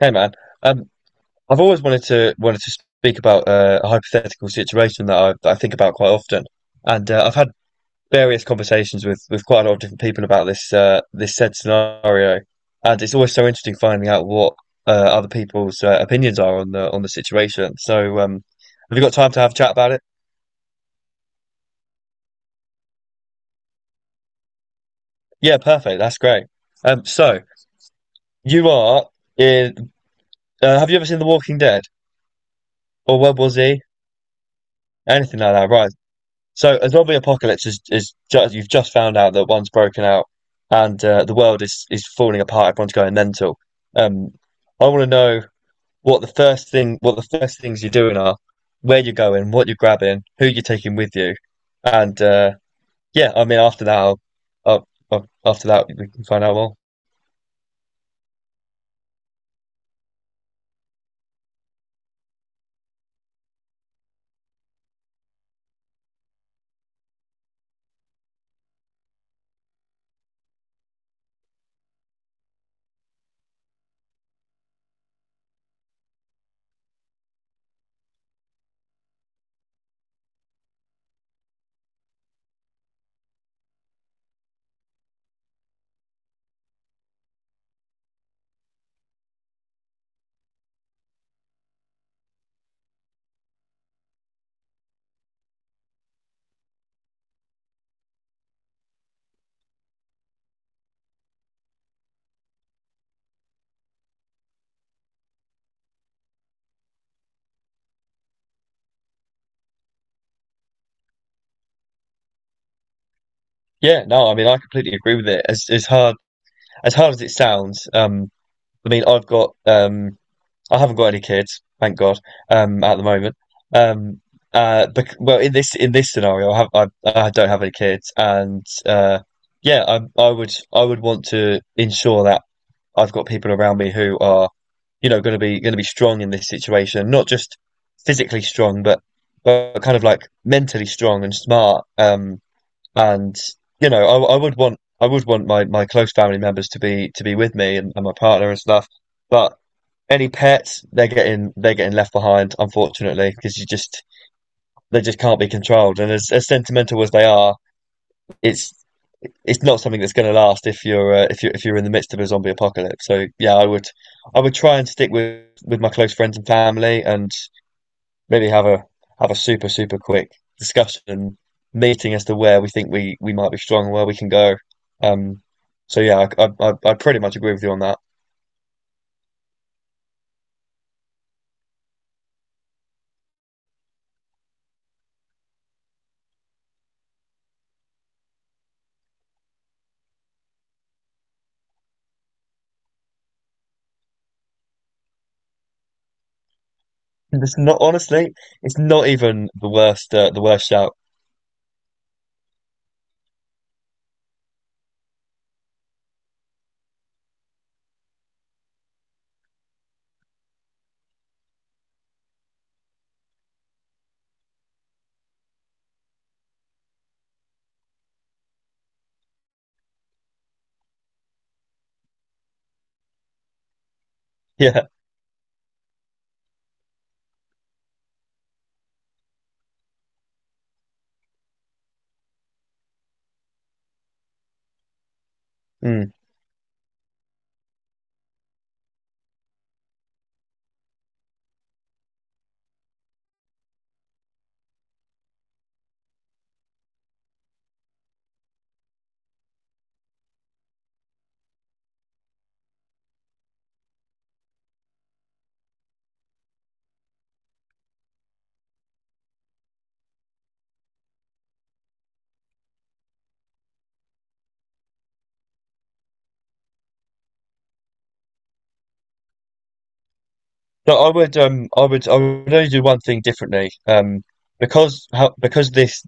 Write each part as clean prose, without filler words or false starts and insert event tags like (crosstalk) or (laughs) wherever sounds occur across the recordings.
Hey man, um, I've always wanted to speak about a hypothetical situation that that I think about quite often, and I've had various conversations with quite a lot of different people about this said scenario, and it's always so interesting finding out what other people's opinions are on the situation. So, have you got time to have a chat about it? Yeah, perfect. That's great. So you are in. Have you ever seen The Walking Dead or World War Z? Anything like that, right? So a zombie apocalypse is just you've just found out that one's broken out and the world is falling apart. Everyone's going mental. Um, I want to know what the first thing what the first things you're doing are, where you're going, what you're grabbing, who you're taking with you, and yeah, I mean after that, after that we can find out more. Yeah, no, I mean I completely agree with it. As hard as it sounds, I mean I've got I haven't got any kids, thank God, at the moment. Um, bec well, in this scenario, I don't have any kids, and yeah, I would want to ensure that I've got people around me who are you know going to be strong in this situation, not just physically strong, but kind of like mentally strong and smart. And you know, I would want my close family members to be with me and my partner and stuff, but. Any pets, they're getting left behind, unfortunately, because you just they just can't be controlled. And as sentimental as they are, it's it's not something that's going to last if you're if you are if you're in the midst of a zombie apocalypse. So yeah, I would try and stick with my close friends and family, and maybe have a super super quick discussion meeting as to where we think we might be strong and where we can go. Um, so yeah, I pretty much agree with you on that. It's not honestly, it's not even the worst shout. Yeah. Mm. No, I would I would only do one thing differently. Because how because this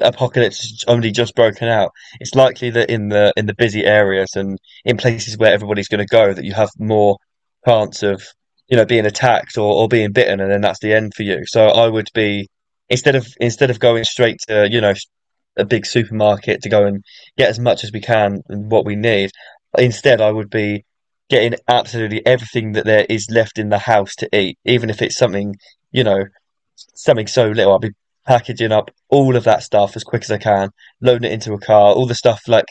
apocalypse has only just broken out, it's likely that in the busy areas and in places where everybody's gonna go that you have more chance of, you know, being attacked or being bitten and then that's the end for you. So I would be instead of going straight to, you know, a big supermarket to go and get as much as we can and what we need. Instead, I would be getting absolutely everything that there is left in the house to eat, even if it's something, you know, something so little. I'd be packaging up all of that stuff as quick as I can, loading it into a car, all the stuff like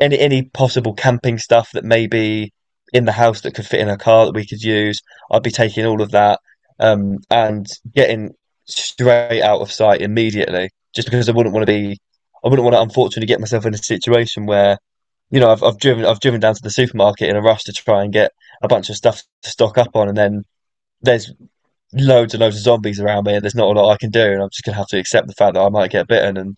any possible camping stuff that may be in the house that could fit in a car that we could use. I'd be taking all of that and getting straight out of sight immediately, just because I wouldn't want to be, I wouldn't want to unfortunately get myself in a situation where you know I've driven down to the supermarket in a rush to try and get a bunch of stuff to stock up on, and then there's loads and loads of zombies around me and there's not a lot I can do and I'm just gonna have to accept the fact that I might get bitten and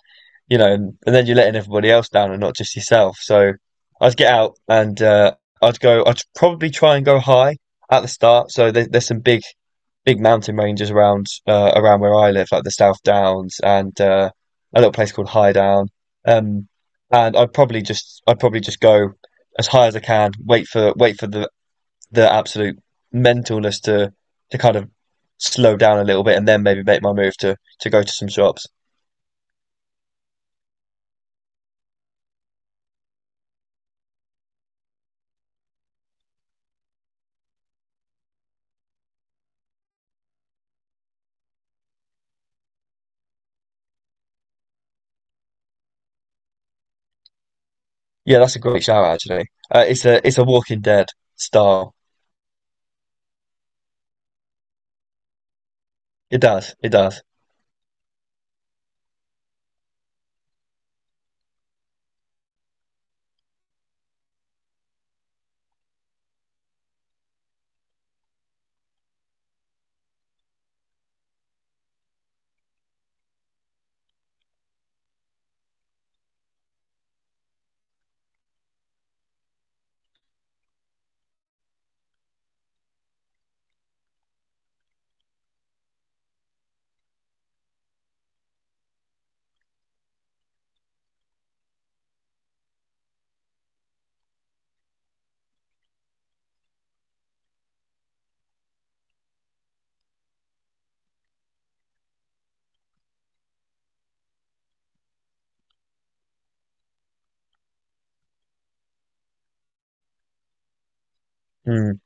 you know and then you're letting everybody else down and not just yourself. So I'd get out and I'd probably try and go high at the start. So there's some big big mountain ranges around around where I live, like the South Downs and a little place called High Down. Um, and I'd probably just go as high as I can, wait for the absolute mentalness to kind of slow down a little bit and then maybe make my move to go to some shops. Yeah, that's a great shout actually. It's a Walking Dead style. It does. It does. Mm.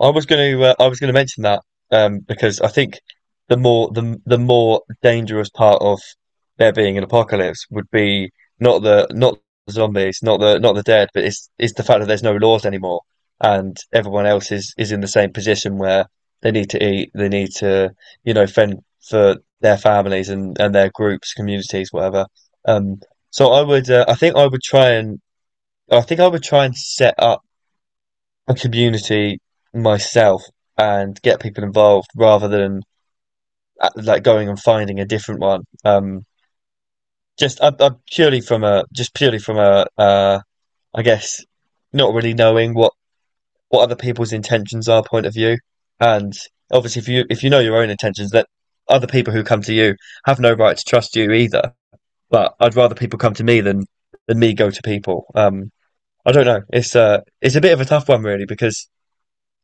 I was going to I was going to mention that because I think the more the more dangerous part of there being an apocalypse would be not the not the zombies, not the not the dead, but it's the fact that there's no laws anymore and everyone else is in the same position where they need to eat, they need to you know fend for their families and their groups, communities, whatever. Um, so I would I think I would try and set up a community myself and get people involved rather than like going and finding a different one. Just I purely from a I guess not really knowing what other people's intentions are point of view, and obviously if you know your own intentions, that other people who come to you have no right to trust you either. But I'd rather people come to me than me go to people. I don't know. It's a bit of a tough one really because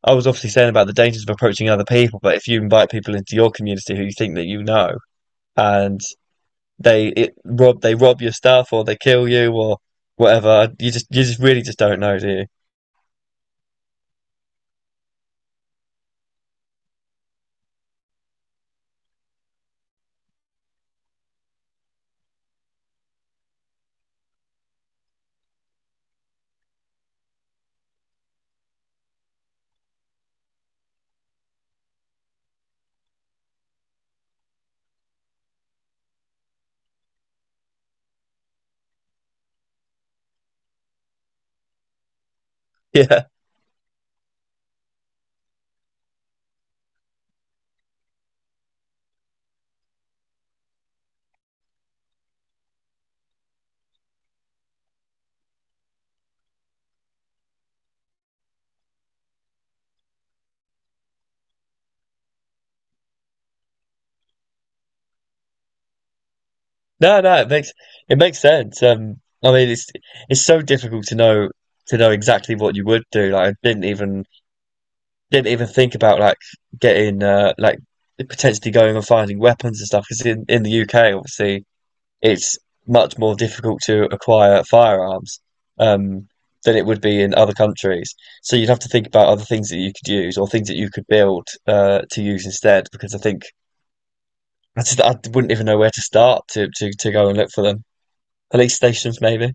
I was obviously saying about the dangers of approaching other people, but if you invite people into your community who you think that you know, and they rob your stuff or they kill you or whatever, you just really just don't know, do you? (laughs) Yeah. No, no, it makes sense. I mean, it's so difficult to know exactly what you would do. Like, I didn't even think about like getting like potentially going and finding weapons and stuff because in the UK, obviously it's much more difficult to acquire firearms um, than it would be in other countries. So you'd have to think about other things that you could use or things that you could build to use instead, because I think I just I wouldn't even know where to start to go and look for them. Police stations, maybe.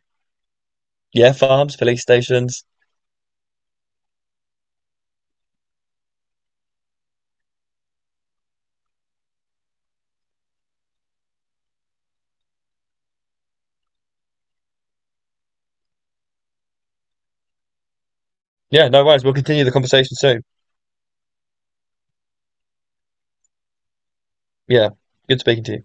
Yeah, farms, police stations. Yeah, no worries. We'll continue the conversation soon. Yeah, good speaking to you.